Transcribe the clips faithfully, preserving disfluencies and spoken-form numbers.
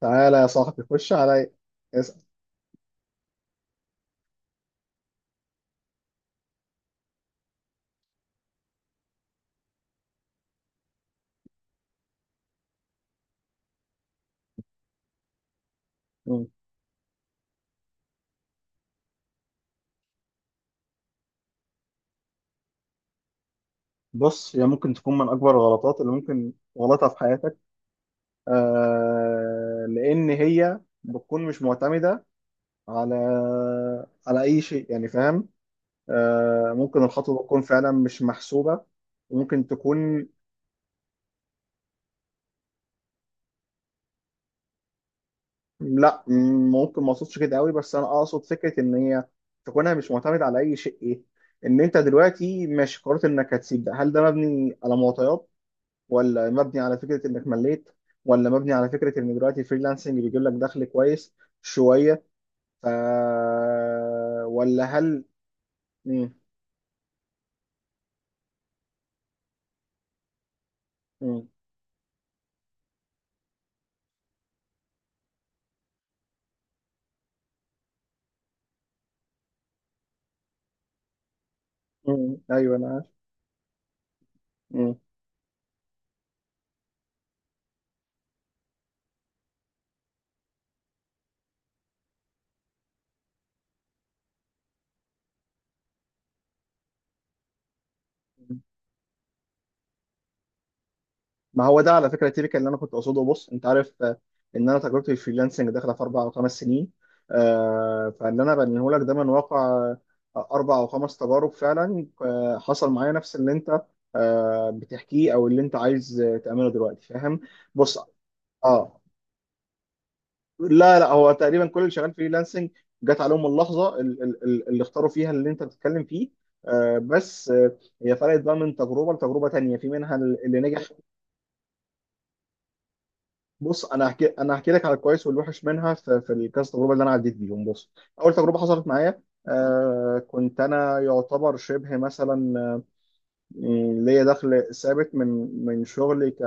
تعالى يا صاحبي خش عليا. اسأل. مم. بص، هي ممكن تكون من أكبر الغلطات اللي ممكن غلطها في حياتك. آه لأن هي بتكون مش معتمدة على على أي شيء، يعني فاهم. آه ممكن الخطوة تكون فعلا مش محسوبة وممكن تكون. لا، مم، ممكن ما أقصدش كده قوي، بس أنا أقصد فكرة إن هي تكونها مش معتمدة على أي شيء. إيه، إن أنت دلوقتي ماشي قررت إنك هتسيب ده، هل ده مبني على معطيات؟ ولا مبني على فكرة انك مليت؟ ولا مبني على فكرة ان دلوقتي الفريلانسنج بيجيب لك دخل كويس شوية؟ ف... ولا هل. مم. مم. مم. ايوه انا عارف. مم. مم. ما هو ده على فكرة تيبيكال اللي انا كنت اقصده. بص، انت عارف، آه، ان انا تجربتي في الفريلانسنج داخلة في اربع او خمس سنين. آه، فاللي انا بنيه لك ده من واقع آه، اربع او خمس تجارب فعلا. آه، حصل معايا نفس اللي انت آه، بتحكيه او اللي انت عايز آه، تعمله دلوقتي، فاهم. بص، اه، لا لا، هو تقريبا كل اللي شغال فريلانسنج جت عليهم اللحظه ال- ال- ال- اللي اختاروا فيها اللي انت بتتكلم فيه، آه، بس آه، هي فرقت بقى من تجربه لتجربه تانيه، في منها اللي نجح. بص، انا هحكي انا هحكي لك على الكويس والوحش منها، في في الكذا تجربه اللي انا عديت بيهم. بص، اول تجربه حصلت معايا، آه، كنت انا يعتبر شبه مثلا، يعني ليا دخل ثابت من من شغلي ك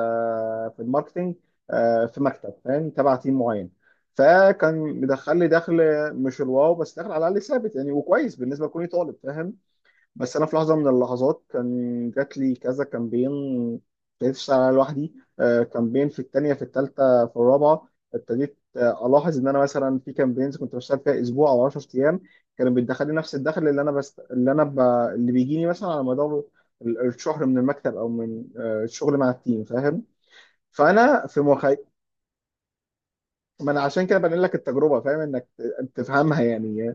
في الماركتينج، آه، في مكتب، فاهم، تبع تيم معين. فكان مدخل لي دخل، مش الواو، بس دخل على الاقل ثابت يعني، وكويس بالنسبه لكوني طالب، فاهم. بس انا في لحظه من اللحظات كان جات لي كذا كامبين، ابتديت اشتغل عليها لوحدي. آه، كامبين في التانية، في التالتة، في الرابعه، ابتديت آه، الاحظ ان انا مثلا في كامبينز كنت بشتغل فيها اسبوع او 10 ايام كانوا بيدخلوا لي نفس الدخل. اللي انا بست... اللي انا ب... اللي بيجيني مثلا على مدار ال- الشهر من المكتب، او من آه، الشغل مع التيم، فاهم. فانا في مخ... ما انا عشان كده بنقل لك التجربه، فاهم، انك ت- تفهمها يعني.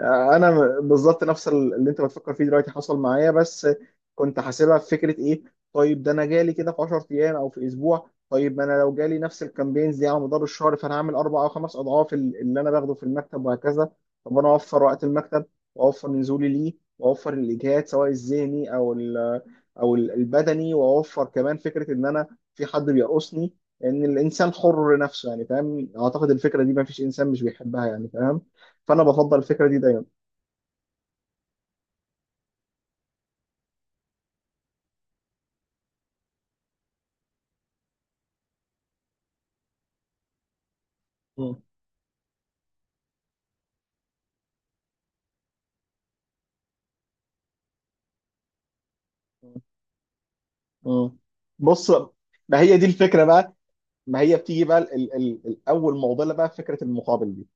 آه، انا م- بالظبط نفس ال- اللي انت بتفكر فيه دلوقتي حصل معايا. بس كنت حاسبها في فكره ايه، طيب ده انا جالي كده في 10 ايام او في اسبوع، طيب ما انا لو جالي نفس الكامبينز دي على مدار الشهر فانا هعمل اربع او خمس اضعاف ال- اللي انا باخده في المكتب، وهكذا. طب انا اوفر وقت المكتب، واوفر نزولي ليه، واوفر الاجهاد سواء الذهني او ال- او ال- البدني، واوفر كمان فكره ان انا في حد بيرقصني، ان الانسان حر نفسه، يعني فاهم، اعتقد الفكره دي ما فيش انسان مش بيحبها، يعني فاهم. فانا بفضل الفكره دي دايما. م. م. بص، ما هي دي الفكره بقى. ما هي بتيجي بقى ال ال الاول معضله بقى في فكره المقابل دي،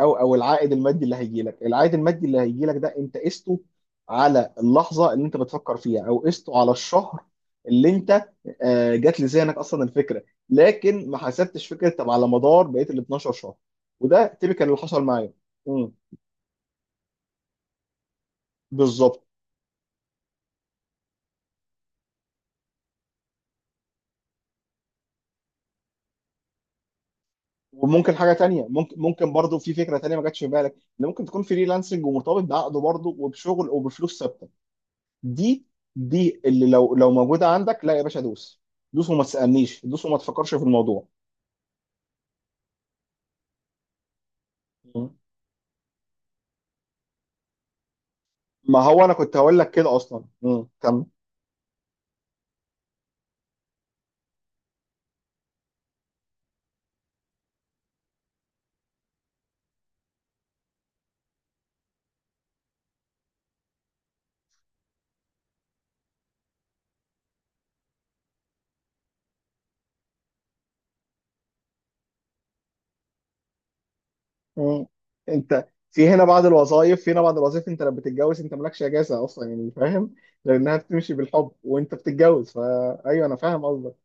او او العائد المادي اللي هيجي لك. العائد المادي اللي هيجي لك ده انت قسته على اللحظه اللي انت بتفكر فيها، او قسته على الشهر اللي انت آه، جات لذهنك اصلا الفكره. لكن ما حسبتش فكره طب على مدار بقيه ال 12 شهر، وده تيبيكال اللي حصل معايا. بالظبط. وممكن حاجه تانية، ممكن ممكن برضو في فكره تانية ما جاتش في بالك، ان ممكن تكون فريلانسنج ومرتبط بعقد برضو وبشغل وبفلوس ثابته. دي دي اللي لو لو موجوده عندك، لا يا باشا، دوس. دوس وما تسالنيش، دوس وما تفكرش في الموضوع. مم. ما هو انا كنت هقول لك كده اصلا. مم. كمل. مم. انت، في هنا بعض الوظائف في هنا بعض الوظائف، انت لما بتتجوز انت مالكش اجازه اصلا، يعني فاهم، لانها بتمشي بالحب وانت بتتجوز. فايوه انا فاهم قصدك.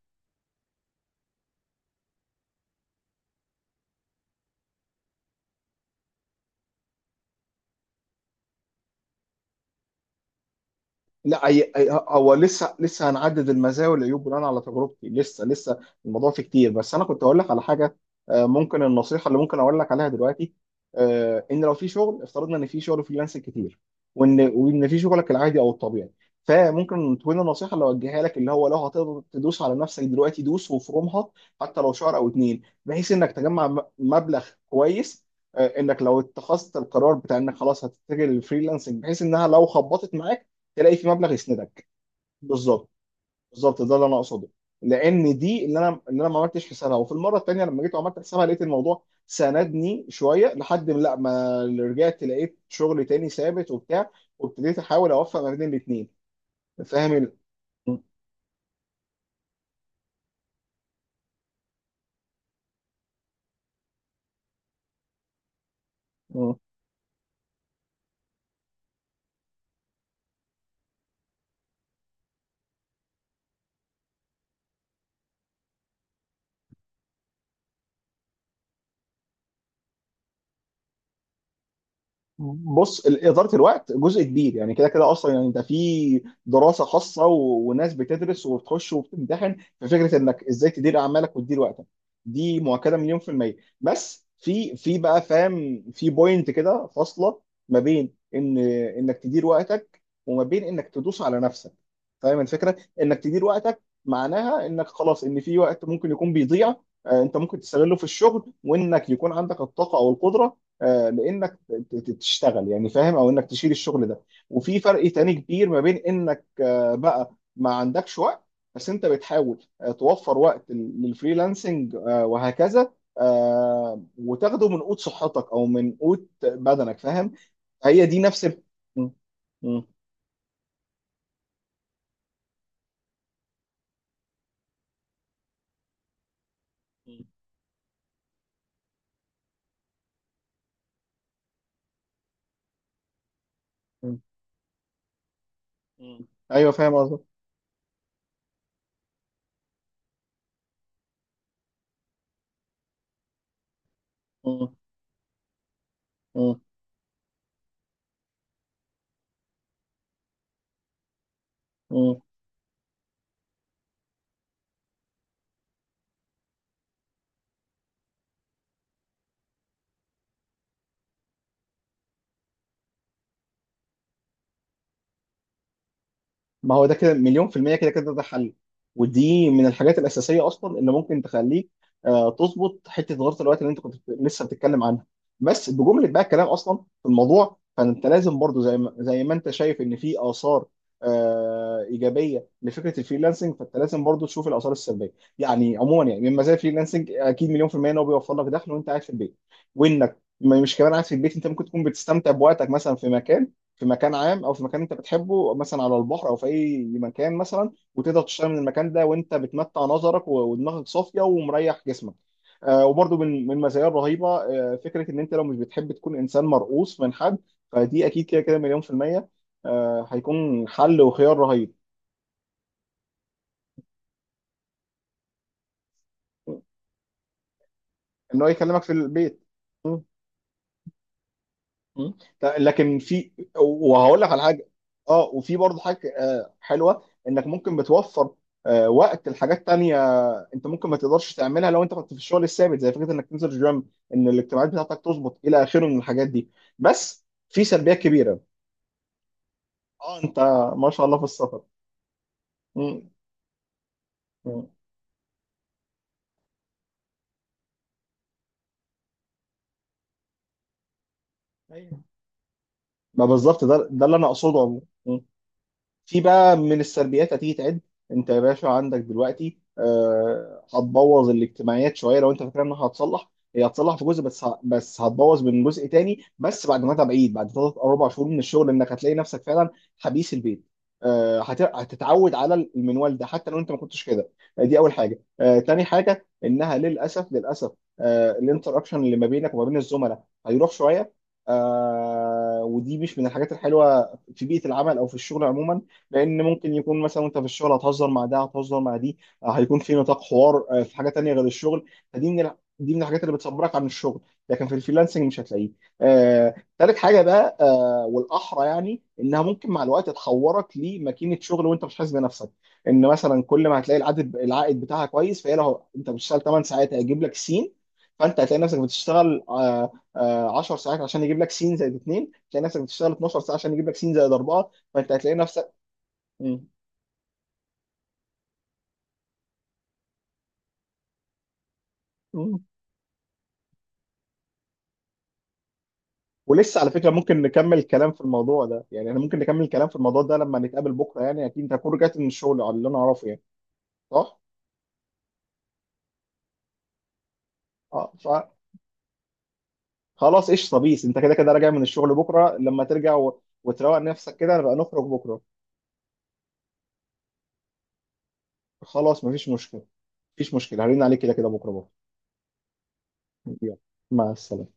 لا، أي... أي... هو لسه لسه هنعدد المزايا والعيوب بناء على تجربتي. لسه لسه الموضوع فيه كتير. بس انا كنت اقول لك على حاجه، آه، ممكن النصيحه اللي ممكن اقول لك عليها دلوقتي، آه، ان لو في شغل، افترضنا ان في شغل فريلانسنج كتير، وان وان في شغلك العادي او الطبيعي، فممكن تكون النصيحه اللي اوجهها لك اللي هو لو هتقدر تدوس على نفسك دلوقتي دوس وفرومها، حتى لو شهر او اتنين، بحيث انك تجمع م- مبلغ كويس، آه، انك لو اتخذت القرار بتاع انك خلاص هتتجه للفريلانسنج، بحيث انها لو خبطت معاك تلاقي في مبلغ يسندك. بالظبط، بالظبط، ده اللي انا اقصده. لان دي اللي انا اللي انا ما عملتش حسابها، وفي المره الثانيه لما جيت وعملت حسابها لقيت الموضوع ساندني شويه، لحد ما لا، ما رجعت لقيت شغل تاني ثابت وبتاع، وابتديت احاول اوفق ما بين الاثنين. فاهم ال... م- م. بص، ال- إدارة الوقت جزء كبير يعني، كده كده أصلا يعني، ده في دراسة خاصة و- وناس بتدرس وبتخش وبتمتحن في فكرة إنك إزاي تدير أعمالك وتدير وقتك. دي مؤكدة مليون في المية. بس في في بقى فاهم، في بوينت كده فاصلة ما بين إن إنك تدير وقتك، وما بين إنك تدوس على نفسك. فاهم الفكرة، إنك تدير وقتك معناها إنك خلاص، إن في وقت ممكن يكون بيضيع آه، أنت ممكن تستغله في الشغل، وإنك يكون عندك الطاقة أو القدرة آه، لأنك ت- ت- تشتغل يعني، فاهم، او انك تشيل الشغل ده. وفي فرق تاني كبير ما بين انك آه، بقى ما عندكش وقت بس انت بتحاول آه، توفر وقت لل- للفريلانسنج آه، وهكذا، آه، وتاخده من قوت صحتك او من قوت بدنك، فاهم. هي دي نفس ال... م- م- م- م- م. ايوه فاهم قصدك. م- م- م. ما هو ده كده مليون في المية، كده كده ده حل، ودي من الحاجات الأساسية أصلا اللي ممكن تخليك آه، تظبط حتة غلطة الوقت اللي أنت كنت بت- لسه بتتكلم عنها. بس بجملة بقى الكلام أصلا في الموضوع، فأنت لازم برضو زي ما زي ما أنت شايف إن في آثار آه، إيجابية لفكرة الفريلانسنج، فأنت لازم برضو تشوف الآثار السلبية. يعني عموما، يعني من مزايا الفريلانسنج أكيد مليون في المية إن هو بيوفر لك دخل وأنت قاعد في البيت، وإنك م- مش كمان قاعد في البيت، أنت ممكن تكون بتستمتع بوقتك مثلا في مكان، في مكان عام، او في مكان انت بتحبه مثلا على البحر، او في اي مكان مثلا، وتقدر تشتغل من المكان ده وانت بتمتع نظرك و- ودماغك صافيه ومريح جسمك. آه، وبرضو من من المزايا الرهيبه آه، فكره ان انت لو مش بتحب تكون انسان مرؤوس من حد، فدي اكيد كده كده مليون في الميه آه، هيكون حل وخيار رهيب. ان هو يكلمك في البيت. مم. ط- لكن في، وهقول لك على حاجه. اه، وفي برضه حاجه آه، حلوه، انك ممكن بتوفر آه، وقت لحاجات تانية انت ممكن ما تقدرش تعملها لو انت كنت في الشغل الثابت، زي فكره انك تنزل جيم، ان الاجتماعات بتاعتك تظبط، الى اخره من الحاجات دي. بس في سلبيات كبيره. اه، انت ما شاء الله في السفر. مم. مم. أيوة. ما بالظبط ده ده اللي انا اقصده عموما. في بقى من السلبيات هتيجي تعد، انت يا باشا عندك دلوقتي آه، هتبوظ الاجتماعيات شويه، لو انت فاكر انها هتصلح، هي هتصلح في جزء بس ه- بس هتبوظ من جزء تاني. بس بعد ما تبعيد بعد ثلاث او اربع شهور من الشغل، انك هتلاقي نفسك فعلا حبيس البيت. آه، هت- هتتعود على المنوال ده حتى لو انت ما كنتش كده. آه، دي اول حاجه. آه، تاني حاجه انها للاسف للاسف الانتراكشن اللي ما بينك وما بين الزملاء هيروح شويه، آه، ودي مش من الحاجات الحلوه في بيئه العمل او في الشغل عموما، لان ممكن يكون مثلا وانت في الشغل هتهزر مع ده، هتهزر مع دي، آه، هيكون في نطاق حوار آه، في حاجه تانية غير الشغل. فدي من الح- دي من الحاجات اللي بتصبرك عن الشغل، لكن في الفريلانسنج مش هتلاقيه. آه، تالت حاجه بقى، آه، والاحرى يعني انها ممكن مع الوقت تحورك لماكينه شغل وانت مش حاسس بنفسك، ان مثلا كل ما هتلاقي العدد العائد بتاعها كويس، فهي لو انت بتشتغل 8 ساعات هيجيب لك سين، فانت هتلاقي نفسك بتشتغل آه، آه، 10 ساعات عشان يجيب لك سين زائد اتنين، هتلاقي نفسك بتشتغل اثنا عشر ساعة ساعه عشان يجيب لك سين زائد اربعة، فانت هتلاقي نفسك. مم. مم. ولسه على فكره ممكن نكمل كلام في الموضوع ده، يعني احنا ممكن نكمل كلام في الموضوع ده لما نتقابل بكره، يعني اكيد انت هتكون رجعت من الشغل على اللي انا اعرفه يعني، صح؟ اه، فخلاص، قشطه، بيس، انت كده كده راجع من الشغل بكره، لما ترجع و... وتروق نفسك كده نبقى نخرج بكره. خلاص، مفيش مشكله. مفيش مشكله، هرن عليك كده كده بكره بكره. يلا. مع السلامه.